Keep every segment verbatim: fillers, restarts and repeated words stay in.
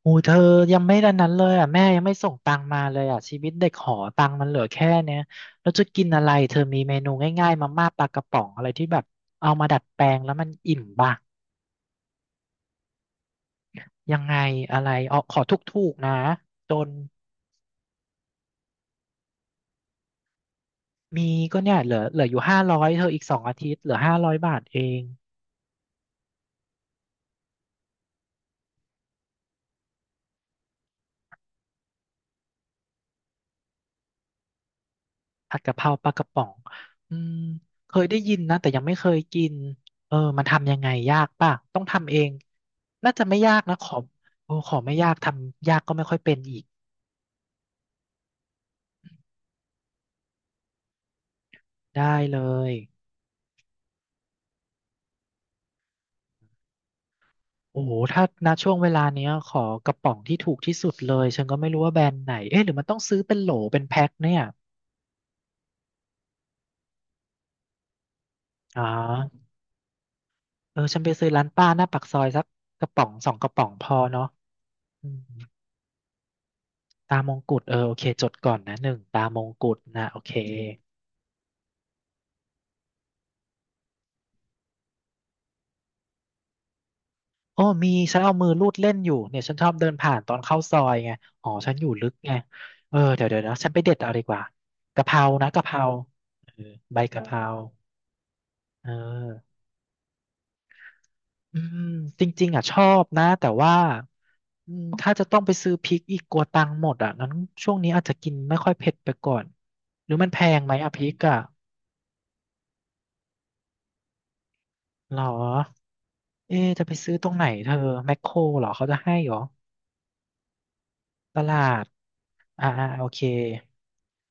โอ้เธอยังไม่ดันนั้นเลยอ่ะแม่ยังไม่ส่งตังมาเลยอ่ะชีวิตเด็กหอตังมันเหลือแค่เนี้ยแล้วจะกินอะไรเธอมีเมนูง่ายๆมาม่าปลากระป๋องอะไรที่แบบเอามาดัดแปลงแล้วมันอิ่มบ้างยังไงอะไรเอาขอถูกๆนะจนมีก็เนี่ยเหลือเหลืออยู่ห้าร้อยเธออีกสองอาทิตย์เหลือห้าร้อยบาทเอง ผัดกะเพราปลากระป๋องอืมเคยได้ยินนะแต่ยังไม่เคยกินเออมันทำยังไงยากป่ะต้องทำเองน่าจะไม่ยากนะขอโอ้ขอไม่ยากทำยากก็ไม่ค่อยเป็นอีกได้เลยโอ้โหถ้าณช่วงเวลาเนี้ยขอกระป๋องที่ถูกที่สุดเลยฉันก็ไม่รู้ว่าแบรนด์ไหนเอ๊ะหรือมันต้องซื้อเป็นโหลเป็นแพ็คเนี่ยอ๋อเออฉันไปซื้อร้านป้าหน้าปากซอยสักกระป๋องสองกระป๋องพอเนาะอืมตามงกุฎเออโอเคจดก่อนนะหนึ่งตามงกุฎนะโอเค โอ้มีฉันเอามือลูดเล่นอยู่เนี่ยฉันชอบเดินผ่านตอนเข้าซอยไงอ๋อฉันอยู่ลึกไงเออเดี๋ยวเดี๋ยวนะฉันไปเด็ดเอาดีกว่ากะเพรานะกะเพราเออใบกะเพราเอออืมจริงๆอ่ะชอบนะแต่ว่าอืมถ้าจะต้องไปซื้อพริกอีกกลัวตังค์หมดอ่ะงั้นช่วงนี้อาจจะกินไม่ค่อยเผ็ดไปก่อนหรือมันแพงไหมอ่ะพริกอ่ะหรอเอ๊ะจะไปซื้อตรงไหนเธอแมคโครเหรอเขาจะให้เหรอตลาด อ่าอ่าโอเค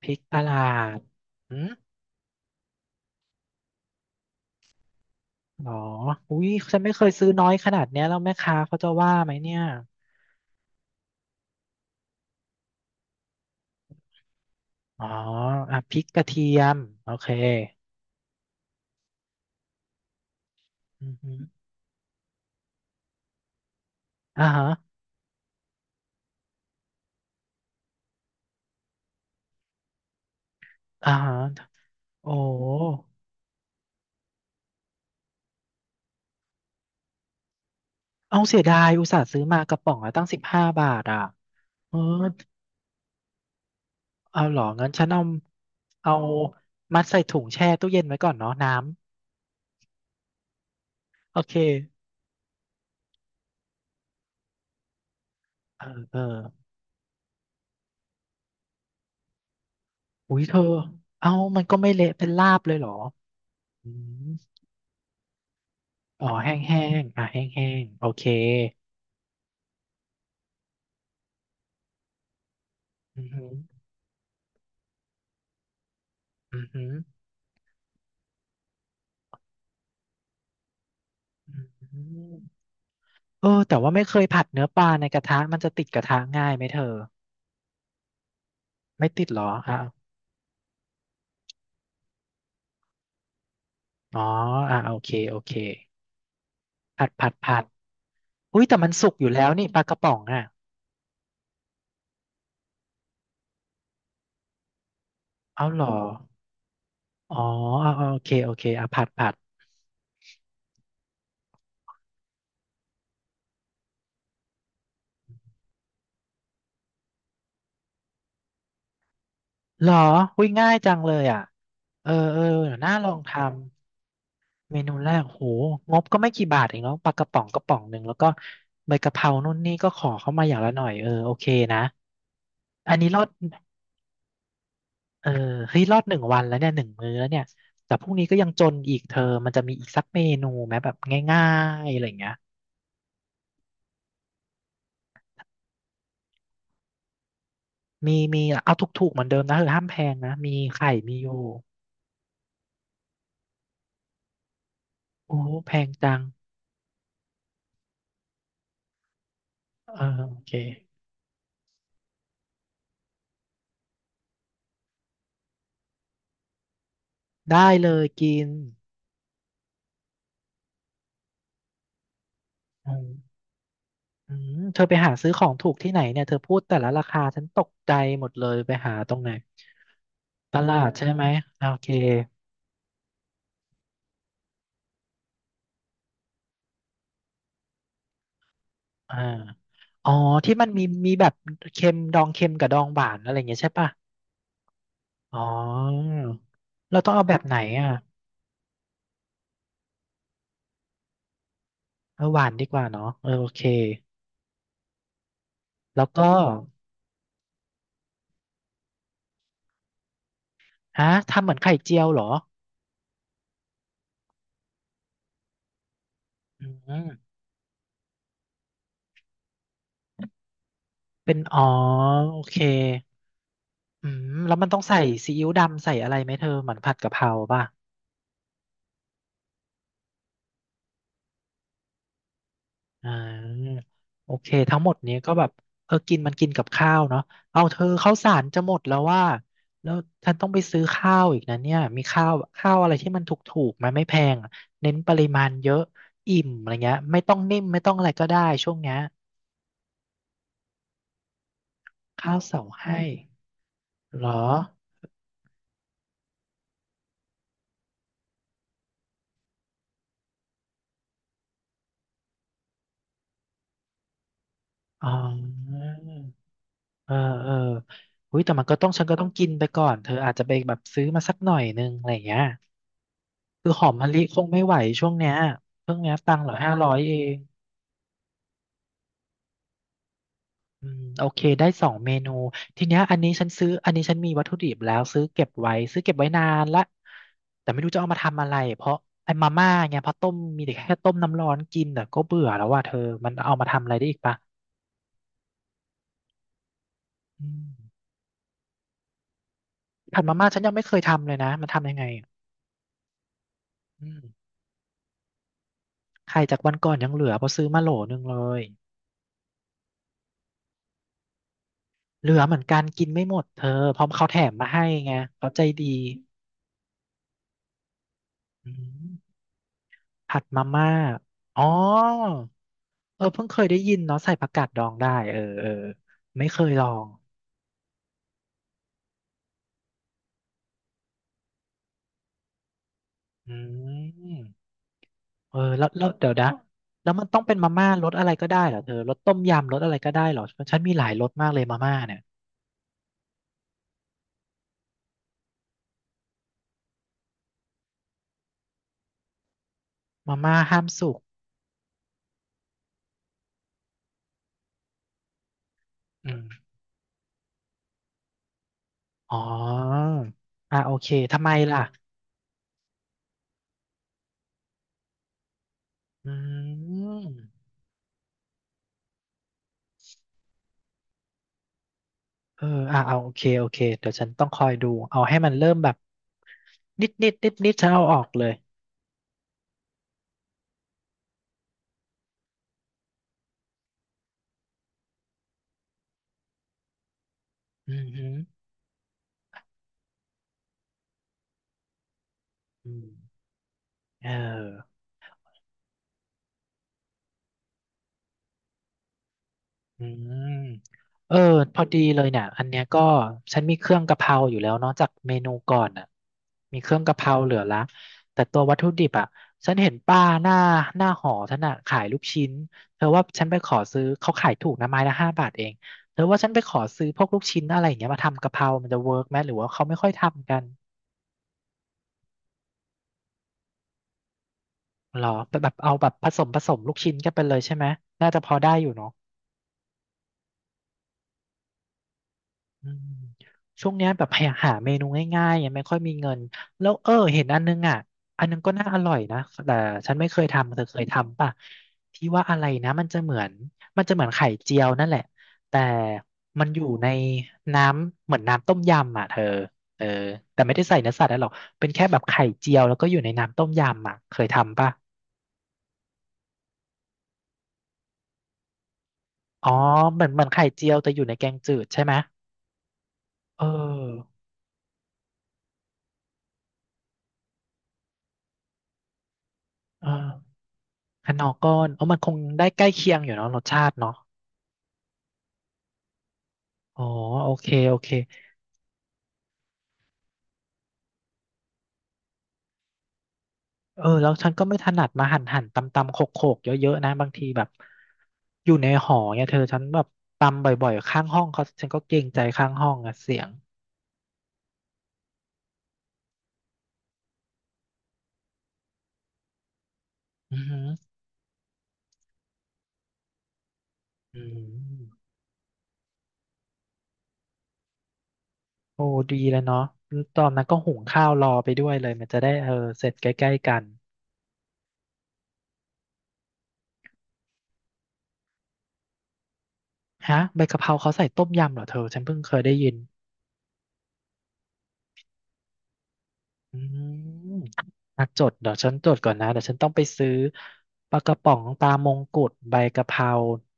พริกตลาดอืมหรออุ้ยฉันไม่เคยซื้อน้อยขนาดเนี้ยแล้วแม่ค้าเขาจะว่าไหมเนี่ย อ๋ออ่ะพริกกระเทียมโอเคอือฮึอ่าฮะอ่าฮะโอ้เอาเสียดายอุตส่าห์ซื้อมากระป๋องละตั้งสิบห้าบาทอ่ะ เออเอาเหรองั้นฉันเอาเอามัดใส่ถุงแช่ตู้เย็นไว้ก่อนเนาะน้ำโอเคเออเอออุ้ยเธอเอามันก็ไม่เละเป็นลาบเลยเหรออืม อ๋อแห้งแห้งอ่ะแห้งแห้งโอเคอือหืออือหืออือหือเออแต่ว่าไม่เคยผัดเนื้อปลาในกระทะมันจะติดกระทะง่ายไหมเธอไม่ติดเหรออ่ะอ๋ออ่ะโอเคโอเคผัดผัดผัดอุ้ยแต่มันสุกอยู่แล้วนี่ปลากระป๋องอ่ะเอาเหรออ๋ออ่ะอ่ะโอเคโอเคอ่ะผัดผัดเหรออุ้ยง่ายจังเลยอ่ะเออเออเดี๋ยวน่าลองทำ เมนูแรกโหงบก็ไม่กี่บาทเองเนาะปลากระป๋องกระป๋องหนึ่งแล้วก็ใบกะเพรานู่นนี่ก็ขอเข้ามาอย่างละหน่อยเออโอเคนะอันนี้รอดเออเฮ้ยรอดหนึ่งวันแล้วเนี่ยหนึ่งมื้อแล้วเนี่ยแต่พรุ่งนี้ก็ยังจนอีกเธอมันจะมีอีกสักเมนูไหมแบบง่ายๆอะไรอย่างเงี้ยมีมีเอาถูกๆเหมือนเดิมนะเออห้ามแพงนะมีไข่มีอยู่โอ้แพงจังเออโอเคได้เลยกินอืม อืมเธอไปหาซื้อของถูกที่ไหนเนี่ยเธอพูดแต่ละราคาฉันตกใจหมดเลยไปหาตรงไหนตลาดใช่ไหมโอเคอ่าอ๋อที่มันมีมีแบบเค็มดองเค็มกับดองหวานอะไรอย่างเงี้ยใช่ป่ะอ๋อเราต้องเอาแบบไหนอ่ะเอาหวานดีกว่าเนาะเออโอเคแล้วก็ฮะทำเหมือนไข่เจียวเหรออืมเป็นอ๋อโอเคอืมแล้วมันต้องใส่ซีอิ๊วดำใส่อะไรไหมเธอเหมือนผัดกะเพราป่ะ อ่าโอเคทั้งหมดนี้ก็แบบเออกินมันกินกับข้าวเนาะเอาเธอข้าวสารจะหมดแล้วว่าแล้วฉันต้องไปซื้อข้าวอีกนะเนี่ยมีข้าวข้าวอะไรที่มันถูกๆไหมไม่แพงอะเน้นปริมาณเยอะอิ่มอะไรเงี้ยไม่ต้องนิ่มไม่ต้องอะไรก็ได้ช่วงเนี้ยข้าวเสาให้เหรออ๋อเออเอออุ้ยแต่มันก็ต้องฉันก็ต้องกินไปก่อนเธออาจจะไปแบบซื้อมาสักหน่อยนึงอะไรเงี้ยคือหอมมะลิคงไม่ไหวช่วงเนี้ยเพิ่งเนี้ยตังค์เหลือห้าร้อยเอง อืมโอเคได้สองเมนูทีเนี้ยอันนี้ฉันซื้ออันนี้ฉันมีวัตถุดิบแล้วซื้อเก็บไว้ซื้อเก็บไว้นานละแต่ไม่รู้จะเอามาทำอะไรเพราะไอ้มาม่าไงพอต้มมีแต่แค่ต้มน้ำร้อนกินแต่ก็เบื่อแล้วว่าเธอมันเอามาทำอะไรได้อีกปะอืมผัดมาม่าฉันยังไม่เคยทำเลยนะมันทำยังไงอะอืมไข่จากวันก่อนยังเหลือเพราะซื้อมาโหลนึงเลยเหลือเหมือนกันกินไม่หมดเธอเพราะเขาแถมมาให้ไงเขาใจดีอืมผัดมาม่าอ๋อ เออเพิ่งเคยได้ยินเนาะใส่ผักกาดดองได้เออเออไม่เคยลองอืมเออแล้วแล้วเดี๋ยวนะแล้วมันต้องเป็นมาม่ารสอะไรก็ได้เหรอเธอรสต้มยำรสอะไรก็ได้เหรอฉันมีหลายรสมากเลยมาม่าเนี่ยมาม่าห้ามสุกอืมอ๋ออ่ะโอเคทำไมล่ะอืมเอออ่ะเอาโอเคโอเคเดี๋ยวฉันต้องคอยดูเอาให้มันเริ่มแบบนิดนิดนิดนิดฉันเอาออกเลยอืมฮึอืมเออ อืมเออพอดีเลยเนี่ยอันเนี้ยก็ฉันมีเครื่องกะเพราอยู่แล้วเนาะจากเมนูก่อนอ่ะมีเครื่องกะเพราเหลือละแต่ตัววัตถุดิบอ่ะฉันเห็นป้าหน้าหน้าหอฉันอ่ะขายลูกชิ้นเธอว่าฉันไปขอซื้อเขาขายถูกนะไม้ละห้าบาทเองเธอว่าฉันไปขอซื้อพวกลูกชิ้นอะไรอย่างเงี้ยมาทำกะเพรามันจะเวิร์กไหมหรือว่าเขาไม่ค่อยทำกันหรอแบบเอาแบบผสมผสมลูกชิ้นกันไปเลยใช่ไหมน่าจะพอได้อยู่เนาะ อืมช่วงเนี้ยแบบหาหาเมนูง่ายๆยังไม่ค่อยมีเงินแล้วเออเห็นอันนึงอ่ะอันนึงก็น่าอร่อยนะแต่ฉันไม่เคยทำเธอเคยทำป่ะที่ว่าอะไรนะมันจะเหมือนมันจะเหมือนไข่เจียวนั่นแหละแต่มันอยู่ในน้ำเหมือนน้ำต้มยำอ่ะเธอเออแต่ไม่ได้ใส่เนื้อสัตว์อะไรหรอกเป็นแค่แบบไข่เจียวแล้วก็อยู่ในน้ำต้มยำอ่ะเคยทำป่ะอ๋อเหมือนเหมือนไข่เจียวแต่อยู่ในแกงจืดใช่ไหมเออเออ คะนอก้อนเออมันคงได้ใกล้เคียงอยู่เนาะรสชาติเนาะอ๋อโอเคโอเคเออแล้วฉันก็ไม่ถนัดมาหั่นหั่นตำตำโขกโขกเยอะๆนะบางทีแบบอยู่ในหอเนี่ยเธอฉันแบบตำบ่อยๆข้างห้องเขาฉันก็เกรงใจข้างห้องอะเสียงอือหืออืมโอ้ดีเลยเนาะตอนนั้นก็หุงข้าวรอไปด้วยเลยมันจะได้เออเสร็จใกล้ๆกันฮะใบกะเพราเขาใส่ต้มยำเหรอเธอฉันเพิ่งเคยได้ยิน อืมนักจดเดี๋ยวฉันจดก่อนนะเดี๋ยวฉันต้องไปซื้อปลากระป๋องปลามงกุฎใบกะเพรา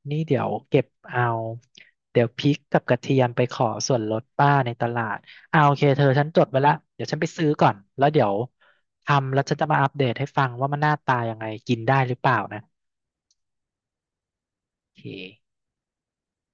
นี่เดี๋ยวเก็บเอา เดี๋ยวพริกกับกระเทียมไปขอส่วนลดป้าในตลาดเอาโอเคเธอฉันจดไว้ละเดี๋ยวฉันไปซื้อก่อนแล้วเดี๋ยวทำแล้วฉันจะมาอัปเดตให้ฟังว่ามันหน้าตายังไงกินได้หรือเปล่านะโอเค